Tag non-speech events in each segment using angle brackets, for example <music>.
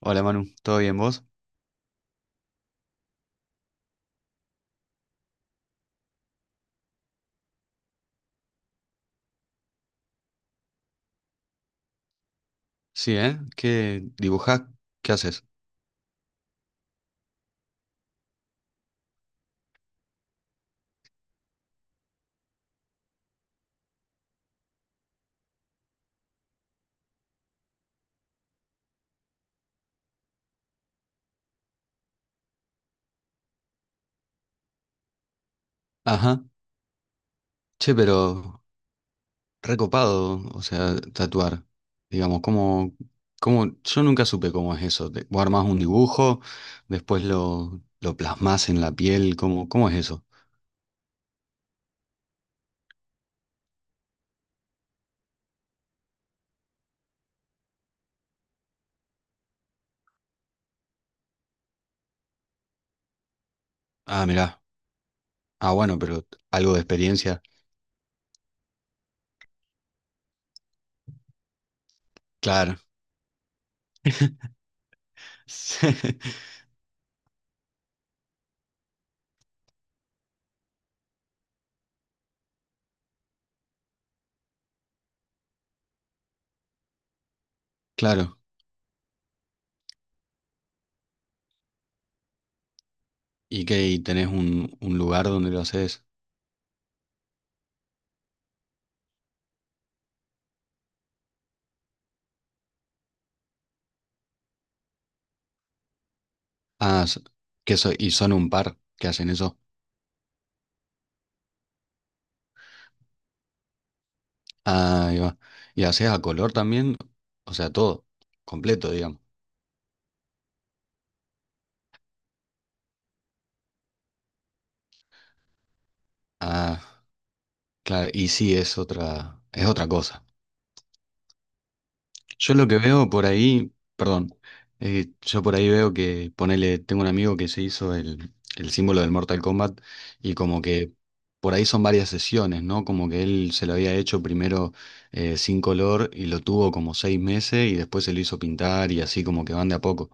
Hola Manu, ¿todo bien vos? Sí, ¿eh? ¿Qué dibujás? ¿Qué haces? Ajá. Che, pero recopado, o sea, tatuar. Digamos, ¿cómo, yo nunca supe cómo es eso. Vos armás un dibujo, después lo plasmás en la piel, ¿cómo es eso? Ah, mirá. Ah, bueno, pero algo de experiencia. Claro. <laughs> Sí, claro. ¿Y qué? ¿Y tenés un lugar donde lo haces? Ah, s- y son un par que hacen eso. Ah, ahí va. ¿Y haces a color también? O sea, todo, completo, digamos. Ah, claro, y sí, es otra cosa. Yo lo que veo por ahí, perdón, yo por ahí veo que, ponele, tengo un amigo que se hizo el símbolo del Mortal Kombat y como que por ahí son varias sesiones, ¿no? Como que él se lo había hecho primero sin color y lo tuvo como seis meses y después se lo hizo pintar y así como que van de a poco.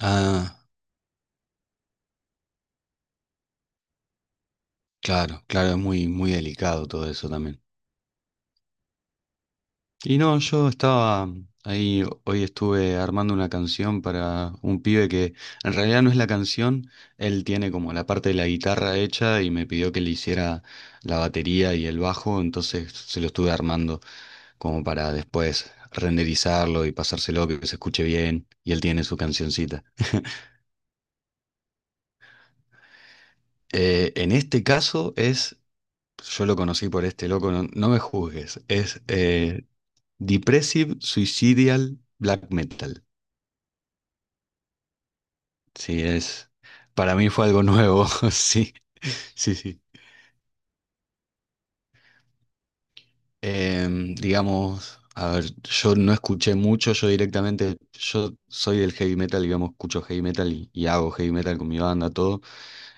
Ah, claro, claro, es muy, muy delicado todo eso también. Y no, yo estaba ahí, hoy estuve armando una canción para un pibe que en realidad no es la canción, él tiene como la parte de la guitarra hecha y me pidió que le hiciera la batería y el bajo, entonces se lo estuve armando como para después renderizarlo y pasárselo, que se escuche bien, y él tiene su cancioncita. En este caso es, yo lo conocí por este loco, no, no me juzgues, es Depressive Suicidal Black Metal. Sí, es. Para mí fue algo nuevo, <laughs> sí, sí, sí. Digamos, a ver, yo no escuché mucho, yo directamente, yo soy del heavy metal, digamos, escucho heavy metal y hago heavy metal con mi banda, todo.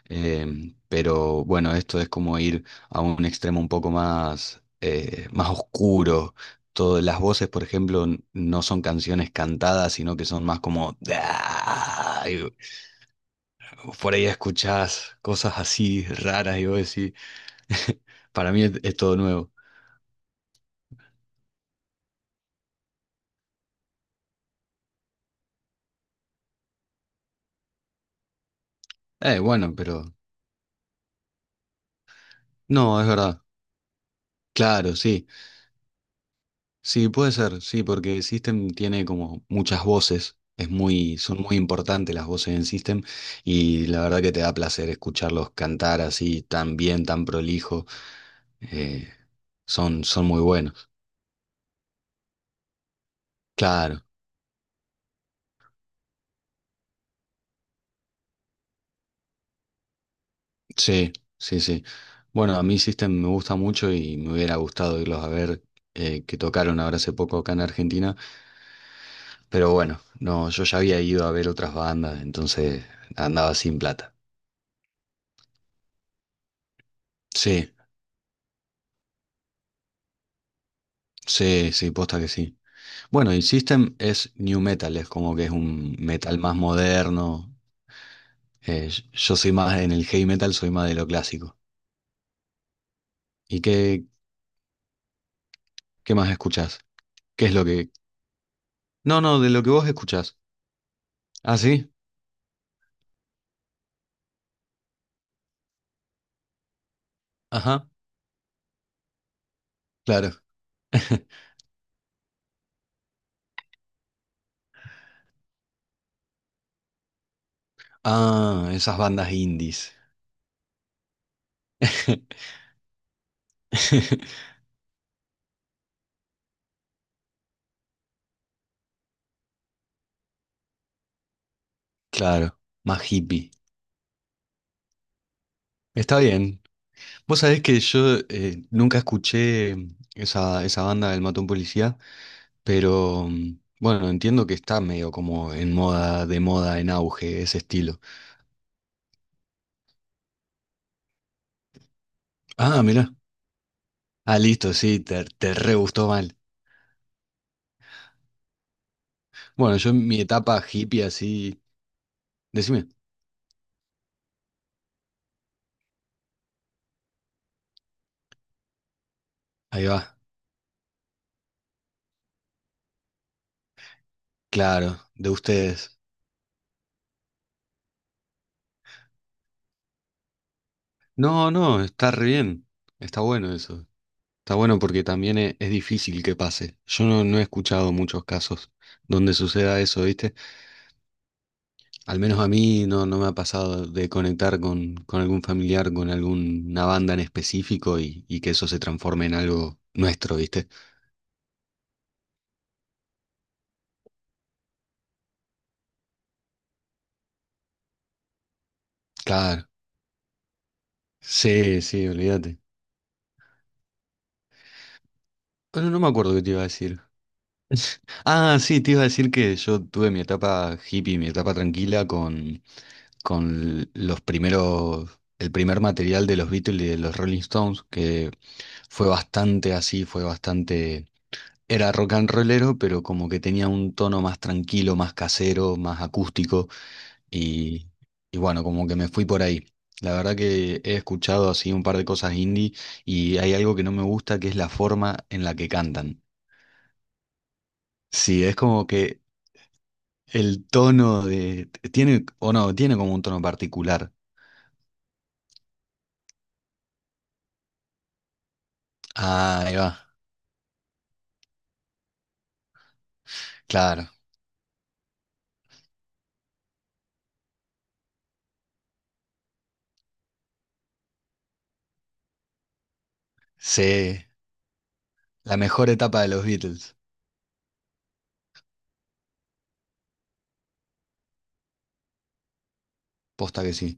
Pero bueno, esto es como ir a un extremo un poco más, más oscuro. Todas las voces, por ejemplo, no son canciones cantadas, sino que son más como... "Ah", y por ahí escuchás cosas así raras y vos decís... <laughs> Para mí es todo nuevo. Bueno, pero... No, es verdad. Claro, sí. Sí, puede ser, sí, porque System tiene como muchas voces. Es muy, son muy importantes las voces en System y la verdad que te da placer escucharlos cantar así tan bien, tan prolijo. Eh, son muy buenos. Claro, sí, sí, sí. Bueno, a mí System me gusta mucho y me hubiera gustado irlos a ver, que tocaron ahora hace poco acá en Argentina. Pero bueno, no, yo ya había ido a ver otras bandas, entonces andaba sin plata. Sí, sí, sí, posta que sí. Bueno, y System es new metal, es como que es un metal más moderno. Eh, yo soy más en el heavy metal, soy más de lo clásico. ¿Y qué más escuchás? ¿Qué es lo que...? No, no, de lo que vos escuchás. ¿Ah, sí? Ajá, claro. <laughs> Ah, esas bandas indies. <laughs> Claro, más hippie. Está bien. Vos sabés que yo nunca escuché esa banda del Matón Policía, pero bueno, entiendo que está medio como en moda, de moda, en auge, ese estilo. Ah, mirá. Ah, listo, sí, te re gustó mal. Bueno, yo en mi etapa hippie así. Decime. Ahí va. Claro, de ustedes. No, no, está re bien. Está bueno eso. Está bueno porque también es difícil que pase. Yo no, no he escuchado muchos casos donde suceda eso, ¿viste? Al menos a mí no, no me ha pasado de conectar con algún familiar, con alguna banda en específico y que eso se transforme en algo nuestro, ¿viste? Claro. Sí, sí, olvídate. Bueno, no me acuerdo qué te iba a decir. <laughs> Ah, sí, te iba a decir que yo tuve mi etapa hippie, mi etapa tranquila con los primeros, el primer material de los Beatles y de los Rolling Stones, que fue bastante así, fue bastante... Era rock and rollero, pero como que tenía un tono más tranquilo, más casero, más acústico y, y bueno, como que me fui por ahí. La verdad que he escuchado así un par de cosas indie y hay algo que no me gusta que es la forma en la que cantan. Sí, es como que el tono de... Tiene, o no, tiene como un tono particular. Ah, ahí va. Claro. Sí, la mejor etapa de los Beatles. Posta que sí.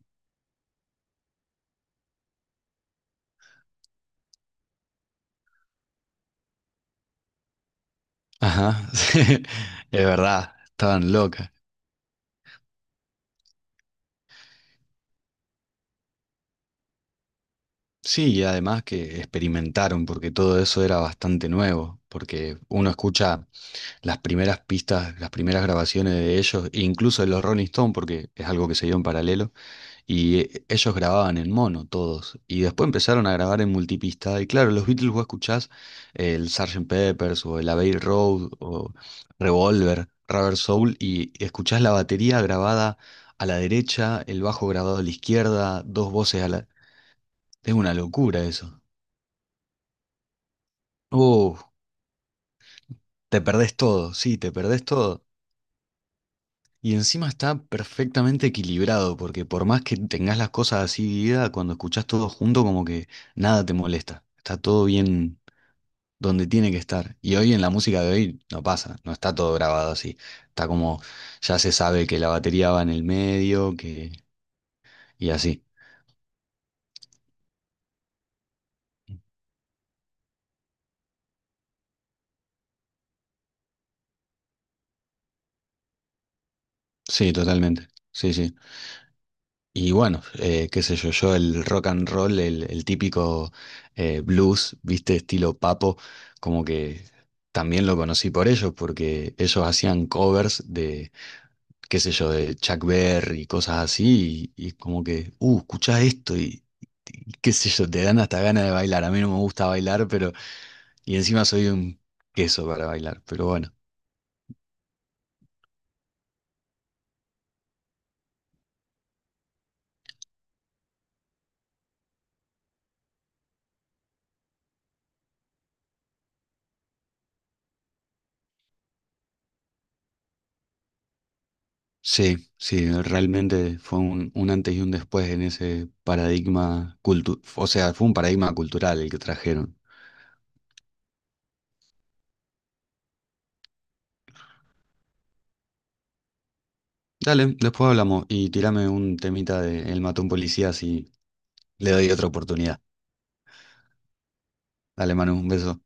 Ajá, <laughs> es verdad, estaban locas. Sí, y además que experimentaron, porque todo eso era bastante nuevo, porque uno escucha las primeras pistas, las primeras grabaciones de ellos, e incluso de los Rolling Stones, porque es algo que se dio en paralelo, y ellos grababan en mono todos, y después empezaron a grabar en multipista, y claro, los Beatles vos escuchás el Sgt. Pepper's o el Abbey Road o Revolver, Rubber Soul, y escuchás la batería grabada a la derecha, el bajo grabado a la izquierda, dos voces a la... Es una locura eso. Uh, te perdés todo, sí, te perdés todo. Y encima está perfectamente equilibrado, porque por más que tengas las cosas así divididas, cuando escuchás todo junto, como que nada te molesta. Está todo bien donde tiene que estar. Y hoy en la música de hoy no pasa, no está todo grabado así. Está como, ya se sabe que la batería va en el medio, que... y así. Sí, totalmente. Sí, sí. Y bueno, qué sé yo, yo el rock and roll, el típico blues, viste, estilo papo, como que también lo conocí por ellos, porque ellos hacían covers de, qué sé yo, de Chuck Berry y cosas así, y como que, escuchá esto y qué sé yo, te dan hasta ganas de bailar. A mí no me gusta bailar, pero, y encima soy un queso para bailar, pero bueno. Sí, sí, realmente fue un antes y un después en ese paradigma o sea, fue un paradigma cultural el que trajeron. Dale, después hablamos y tirame un temita de El mató a un policía si le doy otra oportunidad. Dale, Manu, un beso.